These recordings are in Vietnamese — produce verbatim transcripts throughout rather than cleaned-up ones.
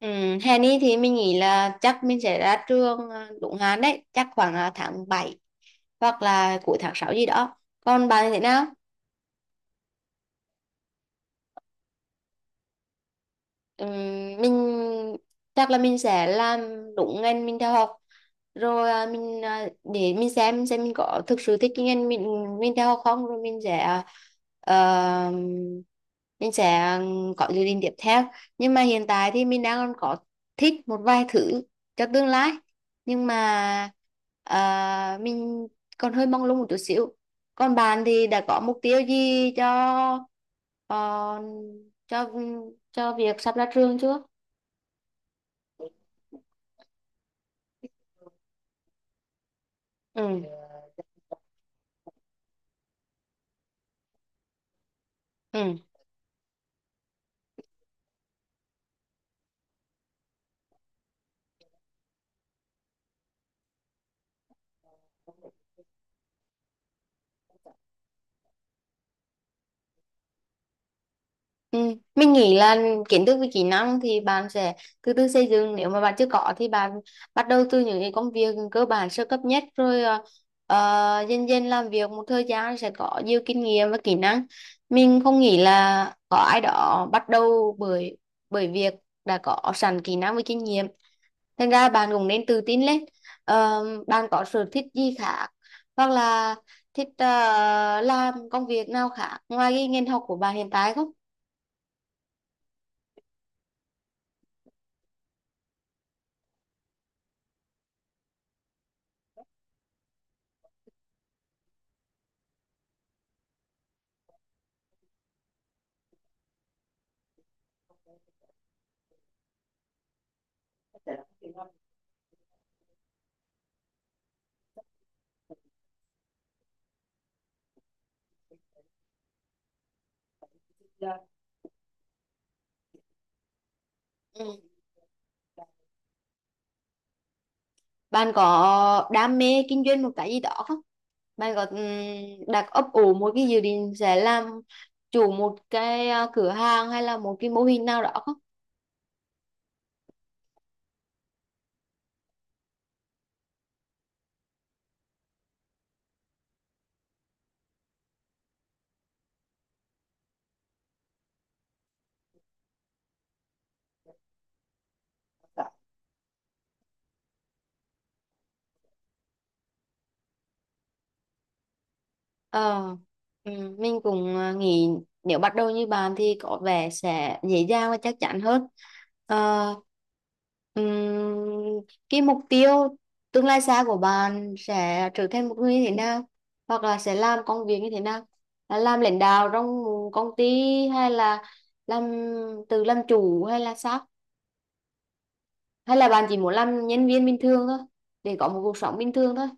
Ừ, hè này thì mình nghĩ là chắc mình sẽ ra trường, à, đúng hạn đấy, chắc khoảng à, tháng bảy hoặc là cuối tháng sáu gì đó. Còn bạn thì thế nào? Ừm, mình chắc là mình sẽ làm đúng ngành mình theo học rồi, à, mình à, để mình xem xem mình có thực sự thích cái ngành mình mình theo học không, rồi mình sẽ à, ờ, mình sẽ có dự định tiếp theo. Nhưng mà hiện tại thì mình đang còn có thích một vài thứ cho tương lai, nhưng mà à, mình còn hơi mong lung một chút xíu. Còn bạn thì đã có mục tiêu gì cho ờ, cho cho việc sắp ra trường chưa? Ừ. Ừ. Ừ. Mình nghĩ là kiến thức với kỹ năng thì bạn sẽ từ từ xây dựng, nếu mà bạn chưa có thì bạn bắt đầu từ những cái công việc cơ bản sơ cấp nhất, rồi ờ, ờ, dần dần làm việc một thời gian sẽ có nhiều kinh nghiệm và kỹ năng. Mình không nghĩ là có ai đó bắt đầu bởi bởi việc đã có sẵn kỹ năng với kinh nghiệm, thành ra bạn cũng nên tự tin lên. Ờ, bạn có sở thích gì khác, hoặc là thích ờ, làm công việc nào khác ngoài cái ngành học của bạn hiện tại không? Ừ. Bạn có đam mê kinh doanh một cái gì đó không? Bạn có ừm, đặt ấp ủ một cái dự định sẽ làm chủ một cái ờ, cửa hàng hay là một cái mô hình nào đó không? Ờ, ừ, mình cũng ờ, nghĩ nếu bắt đầu như bạn thì có vẻ sẽ dễ dàng và chắc chắn hơn. Ờ, ừm, cái mục tiêu tương lai xa của bạn sẽ trở thành một người như thế nào? Hoặc là sẽ làm công việc như thế nào? Là làm lãnh đạo trong công ty, hay là làm tự làm chủ hay là sao? Hay là bạn chỉ muốn làm nhân viên bình thường thôi, để có một cuộc sống bình thường thôi?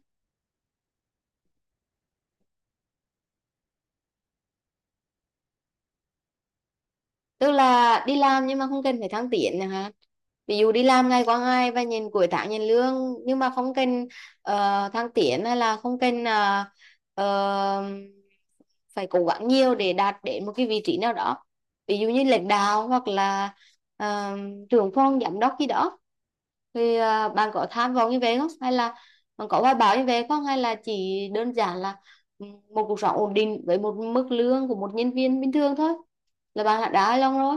Tức là đi làm nhưng mà không cần phải thăng tiến nữa hả? Ví dụ đi làm ngày qua ngày và nhìn cuối tháng nhìn lương, nhưng mà không cần ờ, thăng tiến, hay là không cần ờ, ờ, phải cố gắng nhiều để đạt đến một cái vị trí nào đó, ví dụ như lãnh đạo hoặc là ờ, trưởng phòng giám đốc gì đó? Thì ờ, bạn có tham vọng như vậy không, hay là bạn có hoài bão như vậy không, hay là chỉ đơn giản là ừ, một cuộc sống ổn định với một mức lương của một nhân viên bình thường thôi là bạn đã đá long rồi?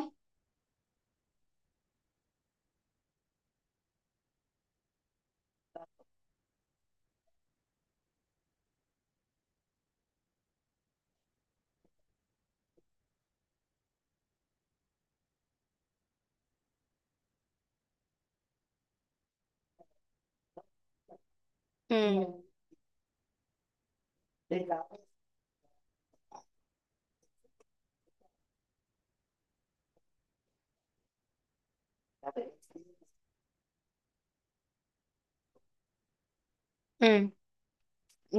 Ừ. Ừ. Ừ.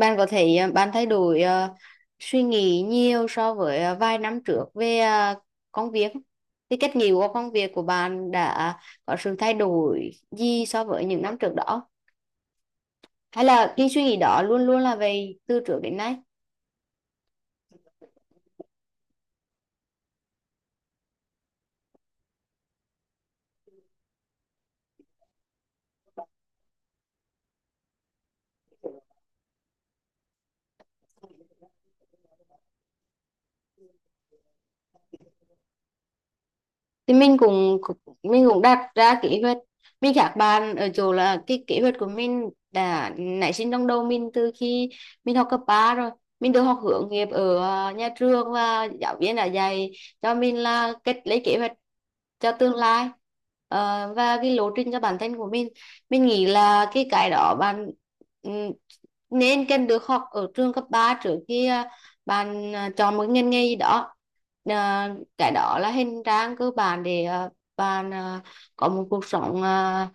Bạn có thể ờ, bạn thay đổi ờ, suy nghĩ nhiều so với ờ, vài năm trước về ờ, công việc, thì cách nghĩ của công việc của bạn đã có sự thay đổi gì so với những năm trước đó, hay là cái suy nghĩ đó luôn luôn là về từ trước đến nay? Thì mình cũng, cũng mình cũng đặt ra kế hoạch. Mình khác bạn ở chỗ là cái kế hoạch của mình đã nảy sinh trong đầu mình từ khi mình học cấp ba rồi. Mình được học hướng nghiệp ở à, nhà trường, và giáo viên đã dạy cho mình là cách lấy kế hoạch cho tương lai. Ờ, và cái lộ trình cho bản thân của mình mình nghĩ là cái cái đó bạn ừm, nên cần được học ở trường cấp ba trước khi à, bạn à, chọn một ngành nghề gì đó. Ờ, cái đó là hình trang cơ bản để ờ, bạn ờ, có một cuộc sống ờ,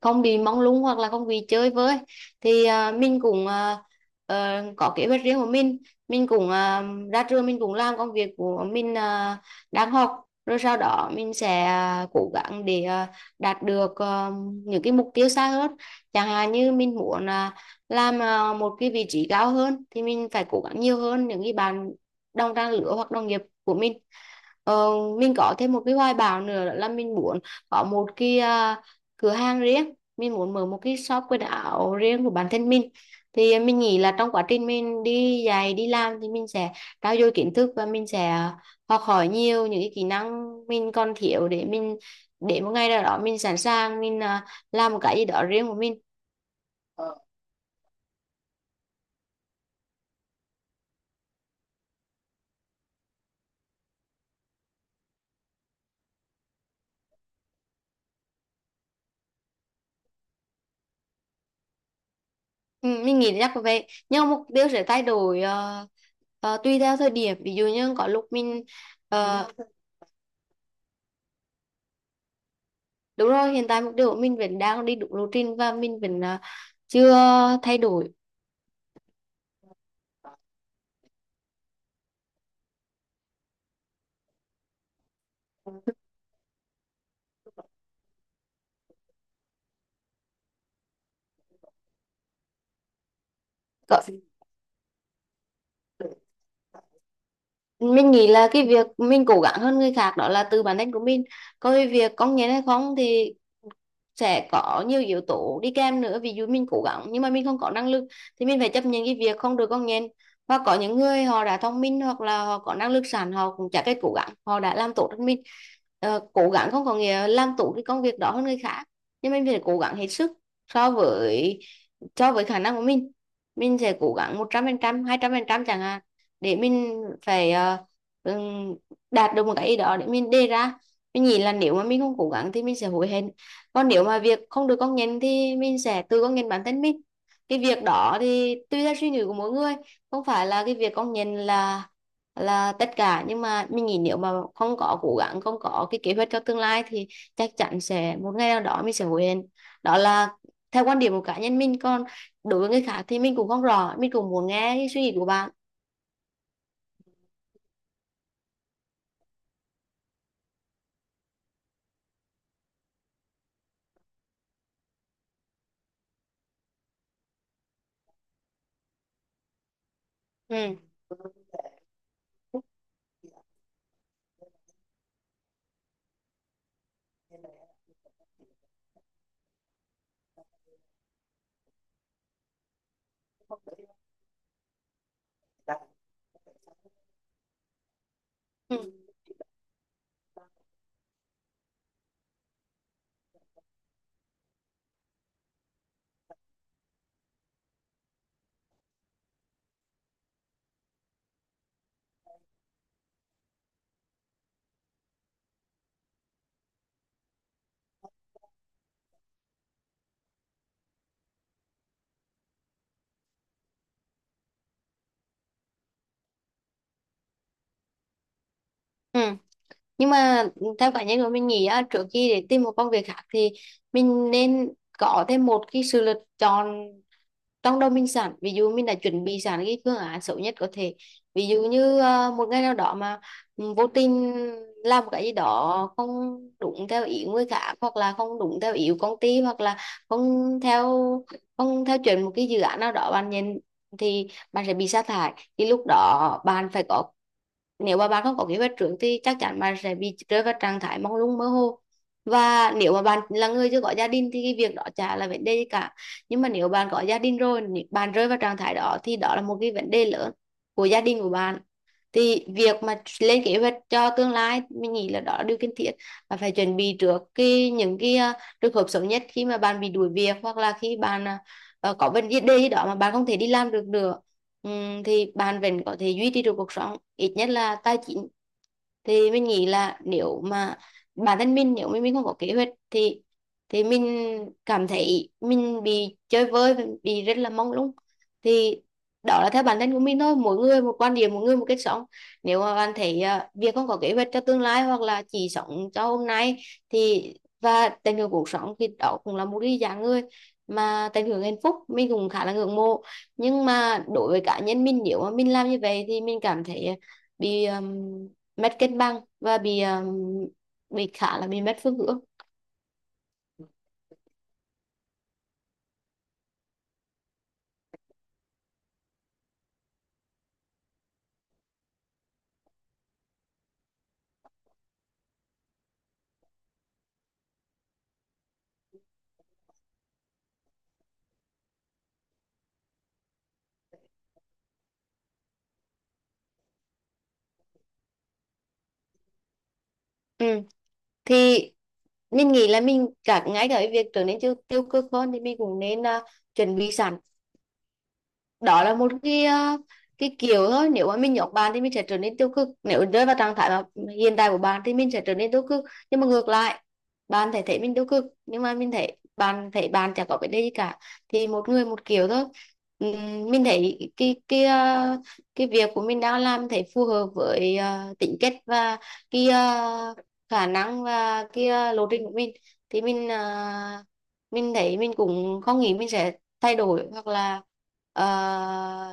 không bị mông lung hoặc là không bị chơi với. Thì ờ, mình cũng ờ, ờ, có kế hoạch riêng của mình. Mình cũng ờ, ra trường mình cũng làm công việc của mình ờ, đang học, rồi sau đó mình sẽ ờ, cố gắng để ờ, đạt được ờ, những cái mục tiêu xa hơn. Chẳng hạn như mình muốn ờ, làm ờ, một cái vị trí cao hơn thì mình phải cố gắng nhiều hơn những cái bạn đồng trang lứa hoặc đồng nghiệp của mình. Ờ, mình có thêm một cái hoài bão nữa, đó là mình muốn có một cái à, cửa hàng riêng, mình muốn mở một cái shop quần áo riêng của bản thân mình. Thì mình nghĩ là trong quá trình mình đi dạy đi làm thì mình sẽ trau dồi kiến thức, và mình sẽ học hỏi nhiều những cái kỹ năng mình còn thiếu, để mình để một ngày nào đó mình sẵn sàng mình à, làm một cái gì đó riêng của mình. Ờ. Ừ, mình nghĩ chắc là vậy, nhưng mà mục tiêu sẽ thay đổi ờ, ờ, tùy theo thời điểm, ví dụ như có lúc mình. ờ, Đúng rồi, hiện tại mục tiêu của mình vẫn đang đi đúng lộ trình và mình vẫn à, chưa thay đổi. Có- Mình nghĩ là cái việc mình cố gắng hơn người khác đó là từ bản thân của mình. Còn cái việc công nhận hay không thì sẽ có nhiều yếu tố đi kèm nữa, ví dụ mình cố gắng nhưng mà mình không có năng lực thì mình phải chấp nhận cái việc không được con nhện. Và có những người họ đã thông minh, hoặc là họ có năng lực sẵn, họ cũng chả cái cố gắng họ đã làm tốt hơn mình. Ờ, cố gắng không có nghĩa làm tốt cái công việc đó hơn người khác, nhưng mình phải cố gắng hết sức so với cho với khả năng của mình. Mình sẽ cố gắng một trăm trăm, trăm phần hai trăm phần trăm chẳng hạn, để mình phải ờ, ừm, đạt được một cái ý đó để mình đề ra. Mình nghĩ là nếu mà mình không cố gắng thì mình sẽ hối hận, còn nếu mà việc không được công nhận thì mình sẽ tự công nhận bản thân mình. Cái việc đó thì tùy theo suy nghĩ của mỗi người, không phải là cái việc công nhận là là tất cả. Nhưng mà mình nghĩ, nếu mà không có cố gắng, không có cái kế hoạch cho tương lai thì chắc chắn sẽ một ngày nào đó mình sẽ hối hận. Đó là theo quan điểm của cá nhân mình, còn đối với người khác thì mình cũng không rõ, mình cũng muốn nghe cái suy nghĩ của bạn. Ừ. Ừ. Ừ. Nhưng mà theo cá nhân của mình nghĩ á, trước khi để tìm một công việc khác thì mình nên có thêm một cái sự lựa chọn trong đầu mình sẵn. Ví dụ mình đã chuẩn bị sẵn cái phương án xấu nhất có thể, ví dụ như ờ, một ngày nào đó mà ừ, vô tình làm cái gì đó không đúng theo ý người khác, hoặc là không đúng theo ý của công ty, hoặc là không theo không theo chuẩn một cái dự án nào đó bạn nhìn, thì bạn sẽ bị sa thải. Thì lúc đó bạn phải có, nếu mà bạn không có kế hoạch trước thì chắc chắn bạn sẽ bị rơi vào trạng thái mông lung mơ hồ. Và nếu mà bạn là người chưa có gia đình thì cái việc đó chả là vấn đề gì cả, nhưng mà nếu bạn có gia đình rồi, bạn rơi vào trạng thái đó thì đó là một cái vấn đề lớn của gia đình của bạn. Thì việc mà lên kế hoạch cho tương lai, mình nghĩ là đó là điều cần thiết, và phải chuẩn bị trước cái những cái ờ, trường hợp xấu nhất khi mà bạn bị đuổi việc, hoặc là khi bạn ờ, ờ, có vấn đề gì đó mà bạn không thể đi làm được nữa. Ừm, thì bạn vẫn có thể duy trì được cuộc sống ít nhất là tài chính. Thì mình nghĩ là nếu mà bản thân mình, nếu mà mình không có kế hoạch thì thì mình cảm thấy mình bị chơi vơi, bị rất là mông lung. Thì đó là theo bản thân của mình thôi, mỗi người một quan điểm, mỗi người một cách sống. Nếu mà bạn thấy à, việc không có kế hoạch cho tương lai, hoặc là chỉ sống cho hôm nay thì và tận hưởng cuộc sống, thì đó cũng là một cái dạng người mà tận hưởng hạnh phúc, mình cũng khá là ngưỡng mộ. Nhưng mà đối với cá nhân mình, nếu mà mình làm như vậy thì mình cảm thấy bị um, mất cân bằng, và bị um, bị khá là bị mất phương hướng. Ừ. Thì mình nghĩ là mình cả ngay cả cái việc trở nên tiêu tiêu cực hơn thì mình cũng nên à, chuẩn bị sẵn. Đó là một cái ờ, cái kiểu thôi, nếu mà mình nhốt bạn thì mình sẽ trở nên tiêu cực, nếu rơi vào trạng thái mà hiện tại của bạn thì mình sẽ trở nên tiêu cực. Nhưng mà ngược lại, bạn thể thấy mình tiêu cực nhưng mà mình thấy bạn thấy bạn chẳng có vấn đề gì cả. Thì một người một kiểu thôi. Ừm, mình thấy cái cái ờ, cái việc của mình đang làm thấy phù hợp với ờ, tính cách, và cái ờ, khả năng, và cái ờ, lộ trình của mình. Thì mình ờ, mình thấy mình cũng không nghĩ mình sẽ thay đổi, hoặc là ờ,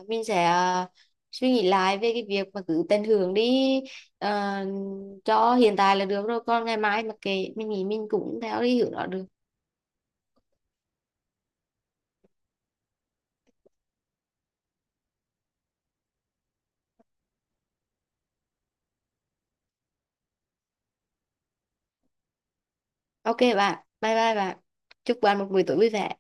mình sẽ ờ, suy nghĩ lại về cái việc mà cứ tận hưởng đi ờ, cho hiện tại là được rồi, còn ngày mai mà kệ, mình nghĩ mình cũng theo đi hướng đó được. OK bạn, bye bye bạn, chúc bạn một buổi tối vui vẻ.